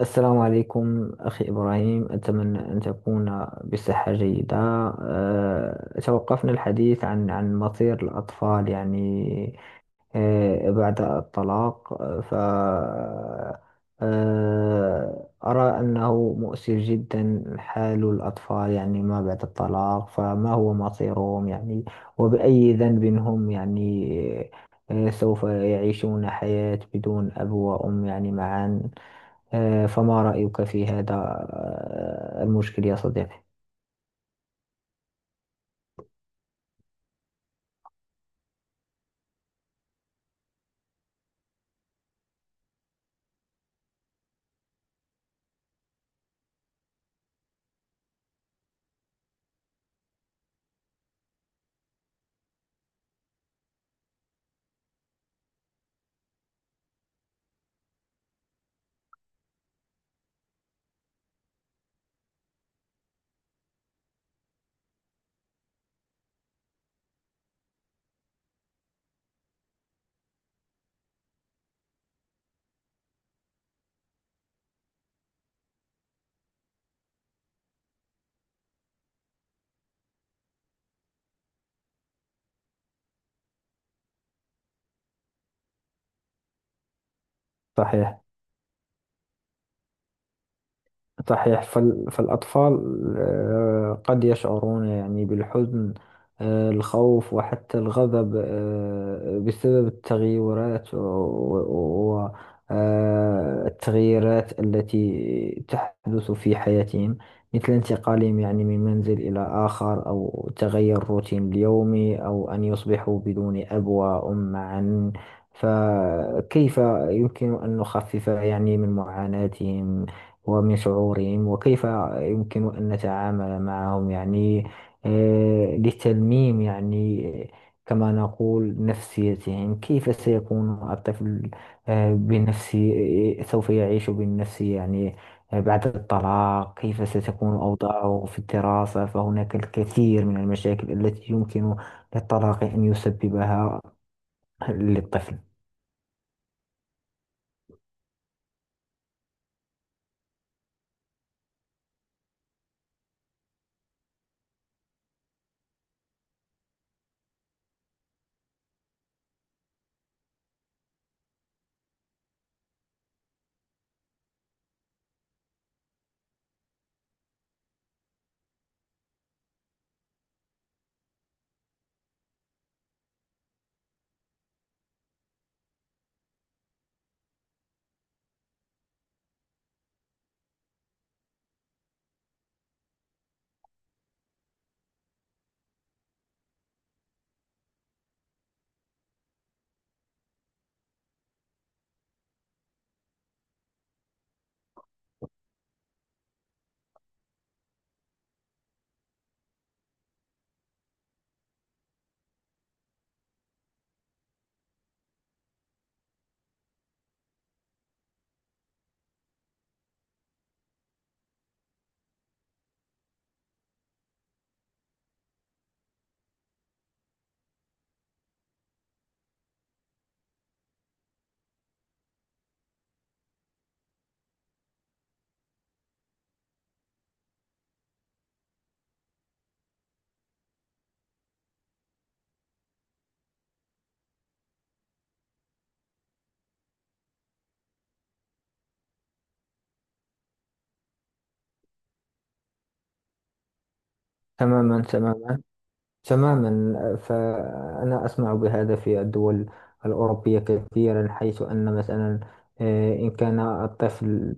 السلام عليكم أخي إبراهيم، أتمنى أن تكون بصحة جيدة. توقفنا الحديث عن مصير الأطفال، يعني بعد الطلاق آه، ف آه، أرى أنه مؤسف جدا حال الأطفال، يعني ما بعد الطلاق فما هو مصيرهم، يعني؟ وبأي ذنب هم، يعني؟ سوف يعيشون حياة بدون أب وأم، يعني معا. فما رأيك في هذا، المشكل يا صديقي؟ صحيح، صحيح. فالأطفال قد يشعرون يعني بالحزن، الخوف وحتى الغضب، بسبب التغيرات والتغييرات التي تحدث في حياتهم، مثل انتقالهم يعني من منزل إلى آخر، أو تغير روتين اليومي، أو أن يصبحوا بدون أب وأم معا. فكيف يمكن أن نخفف يعني من معاناتهم ومن شعورهم، وكيف يمكن أن نتعامل معهم، يعني لتلميم يعني، كما نقول، نفسيتهم؟ كيف سيكون الطفل بنفسي سوف يعيش بالنفسي، يعني بعد الطلاق؟ كيف ستكون أوضاعه في الدراسة؟ فهناك الكثير من المشاكل التي يمكن للطلاق أن يسببها للطفل. تماما، تماما. تماما، فأنا أسمع بهذا في الدول الأوروبية كثيرا، حيث أن مثلا إن كان الطفل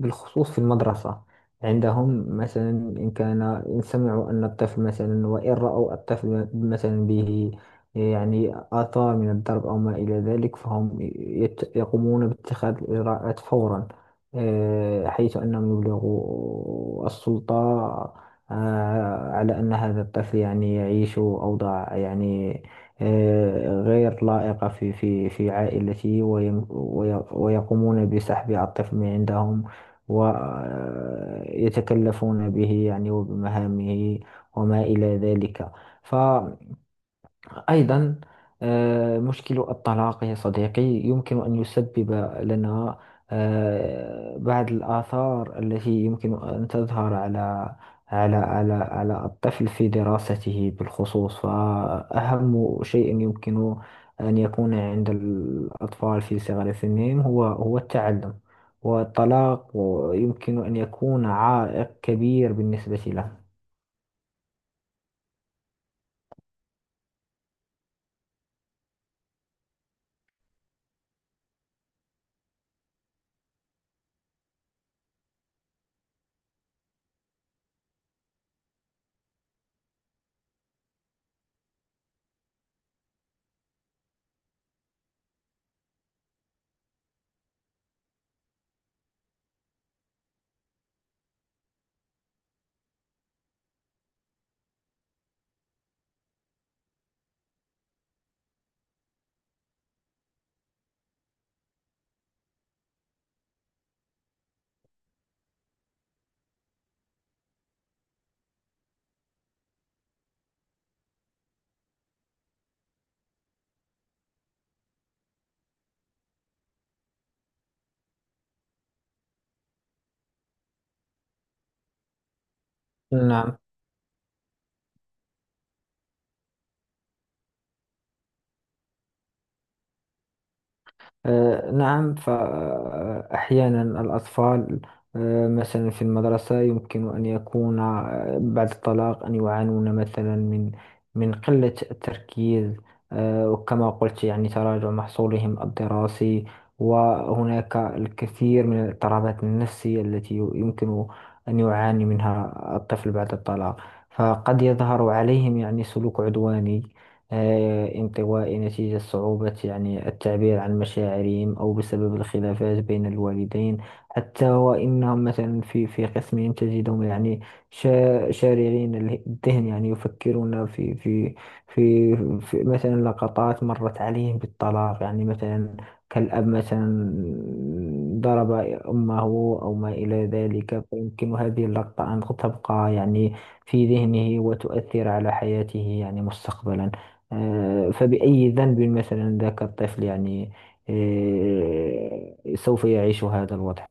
بالخصوص في المدرسة عندهم مثلا، إن كان، إن سمعوا أن الطفل مثلا، وإن رأوا الطفل مثلا به يعني آثار من الضرب أو ما إلى ذلك، فهم يقومون باتخاذ الإجراءات فورا. حيث أنهم يبلغوا السلطة على أن هذا الطفل يعني يعيش أوضاع، يعني غير لائقة في في عائلته، ويقومون بسحب الطفل من عندهم، ويتكلفون به، يعني وبمهامه وما إلى ذلك. أيضا مشكل الطلاق يا صديقي يمكن أن يسبب لنا بعض الآثار التي يمكن أن تظهر على الطفل في دراسته بالخصوص. فأهم شيء يمكن أن يكون عند الأطفال في صغر سنهم هو التعلم، والطلاق يمكن أن يكون عائق كبير بالنسبة له. نعم. نعم، فأحيانا الأطفال مثلا في المدرسة يمكن أن يكون بعد الطلاق أن يعانون مثلا من قلة التركيز. وكما قلت يعني تراجع محصولهم الدراسي. وهناك الكثير من الاضطرابات النفسية التي يمكن أن يعاني منها الطفل بعد الطلاق. فقد يظهر عليهم يعني سلوك عدواني، انطوائي، نتيجة صعوبة يعني التعبير عن مشاعرهم، أو بسبب الخلافات بين الوالدين. حتى وإنهم مثلا في قسمهم تجدهم يعني شارغين الذهن، يعني يفكرون في في مثلا لقطات مرت عليهم بالطلاق، يعني مثلا كالأب مثلا ضرب أمه أو ما إلى ذلك. فيمكن هذه اللقطة أن تبقى يعني في ذهنه وتؤثر على حياته يعني مستقبلا. فبأي ذنب مثلا ذاك الطفل، يعني سوف يعيش هذا الوضع؟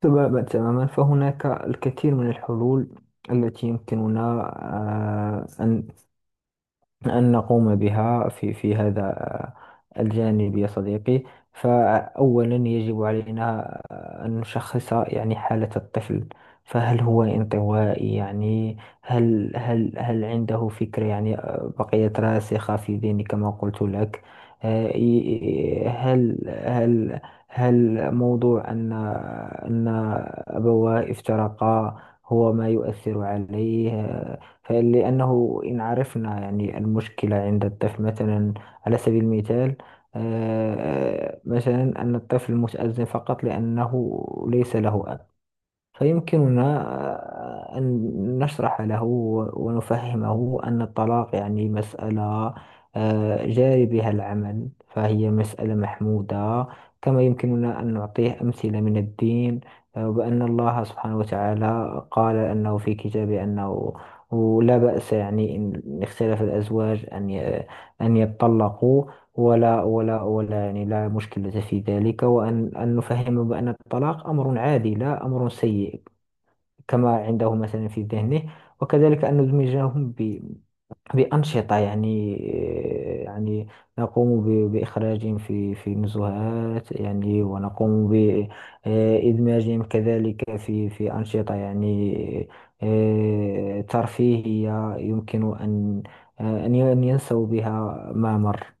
تماما، تماما. فهناك الكثير من الحلول التي يمكننا آه، أن أن نقوم بها في هذا، الجانب يا صديقي. فأولا يجب علينا أن نشخص يعني حالة الطفل. فهل هو انطوائي، يعني؟ هل عنده فكرة، يعني بقيت راسخة في ذهني كما قلت لك؟ آه، ي- هل هل هل موضوع أن أبواه افترقا هو ما يؤثر عليه؟ فلأنه إن عرفنا يعني المشكلة عند الطفل مثلا، على سبيل المثال مثلا أن الطفل متأذن فقط لأنه ليس له، فيمكننا أن نشرح له ونفهمه أن الطلاق يعني مسألة جاري بها العمل، فهي مسألة محمودة. كما يمكننا أن نعطيه أمثلة من الدين وبأن الله سبحانه وتعالى قال أنه في كتابه أنه لا بأس يعني إن اختلف الأزواج أن أن يتطلقوا، ولا يعني لا مشكلة في ذلك، وأن نفهم بأن الطلاق أمر عادي لا أمر سيء، كما عنده مثلا في ذهنه. وكذلك أن ندمجهم بأنشطة، يعني يعني نقوم بإخراجهم في نزهات، يعني ونقوم بإدماجهم كذلك في أنشطة يعني ترفيهية يمكن أن ينسوا بها ما مر.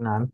نعم.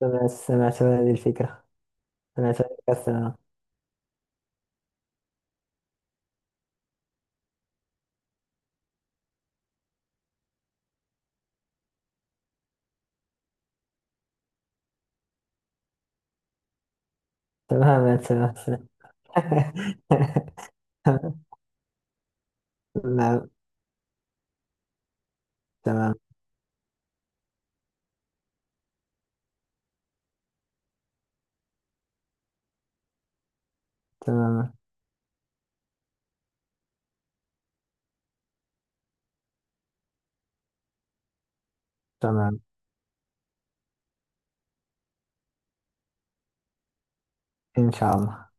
سمعت عن هذه الفكرة. سمعت عن الكسرة. تماما، تماما. تمام. تمام. تمام. تمام. إن شاء الله.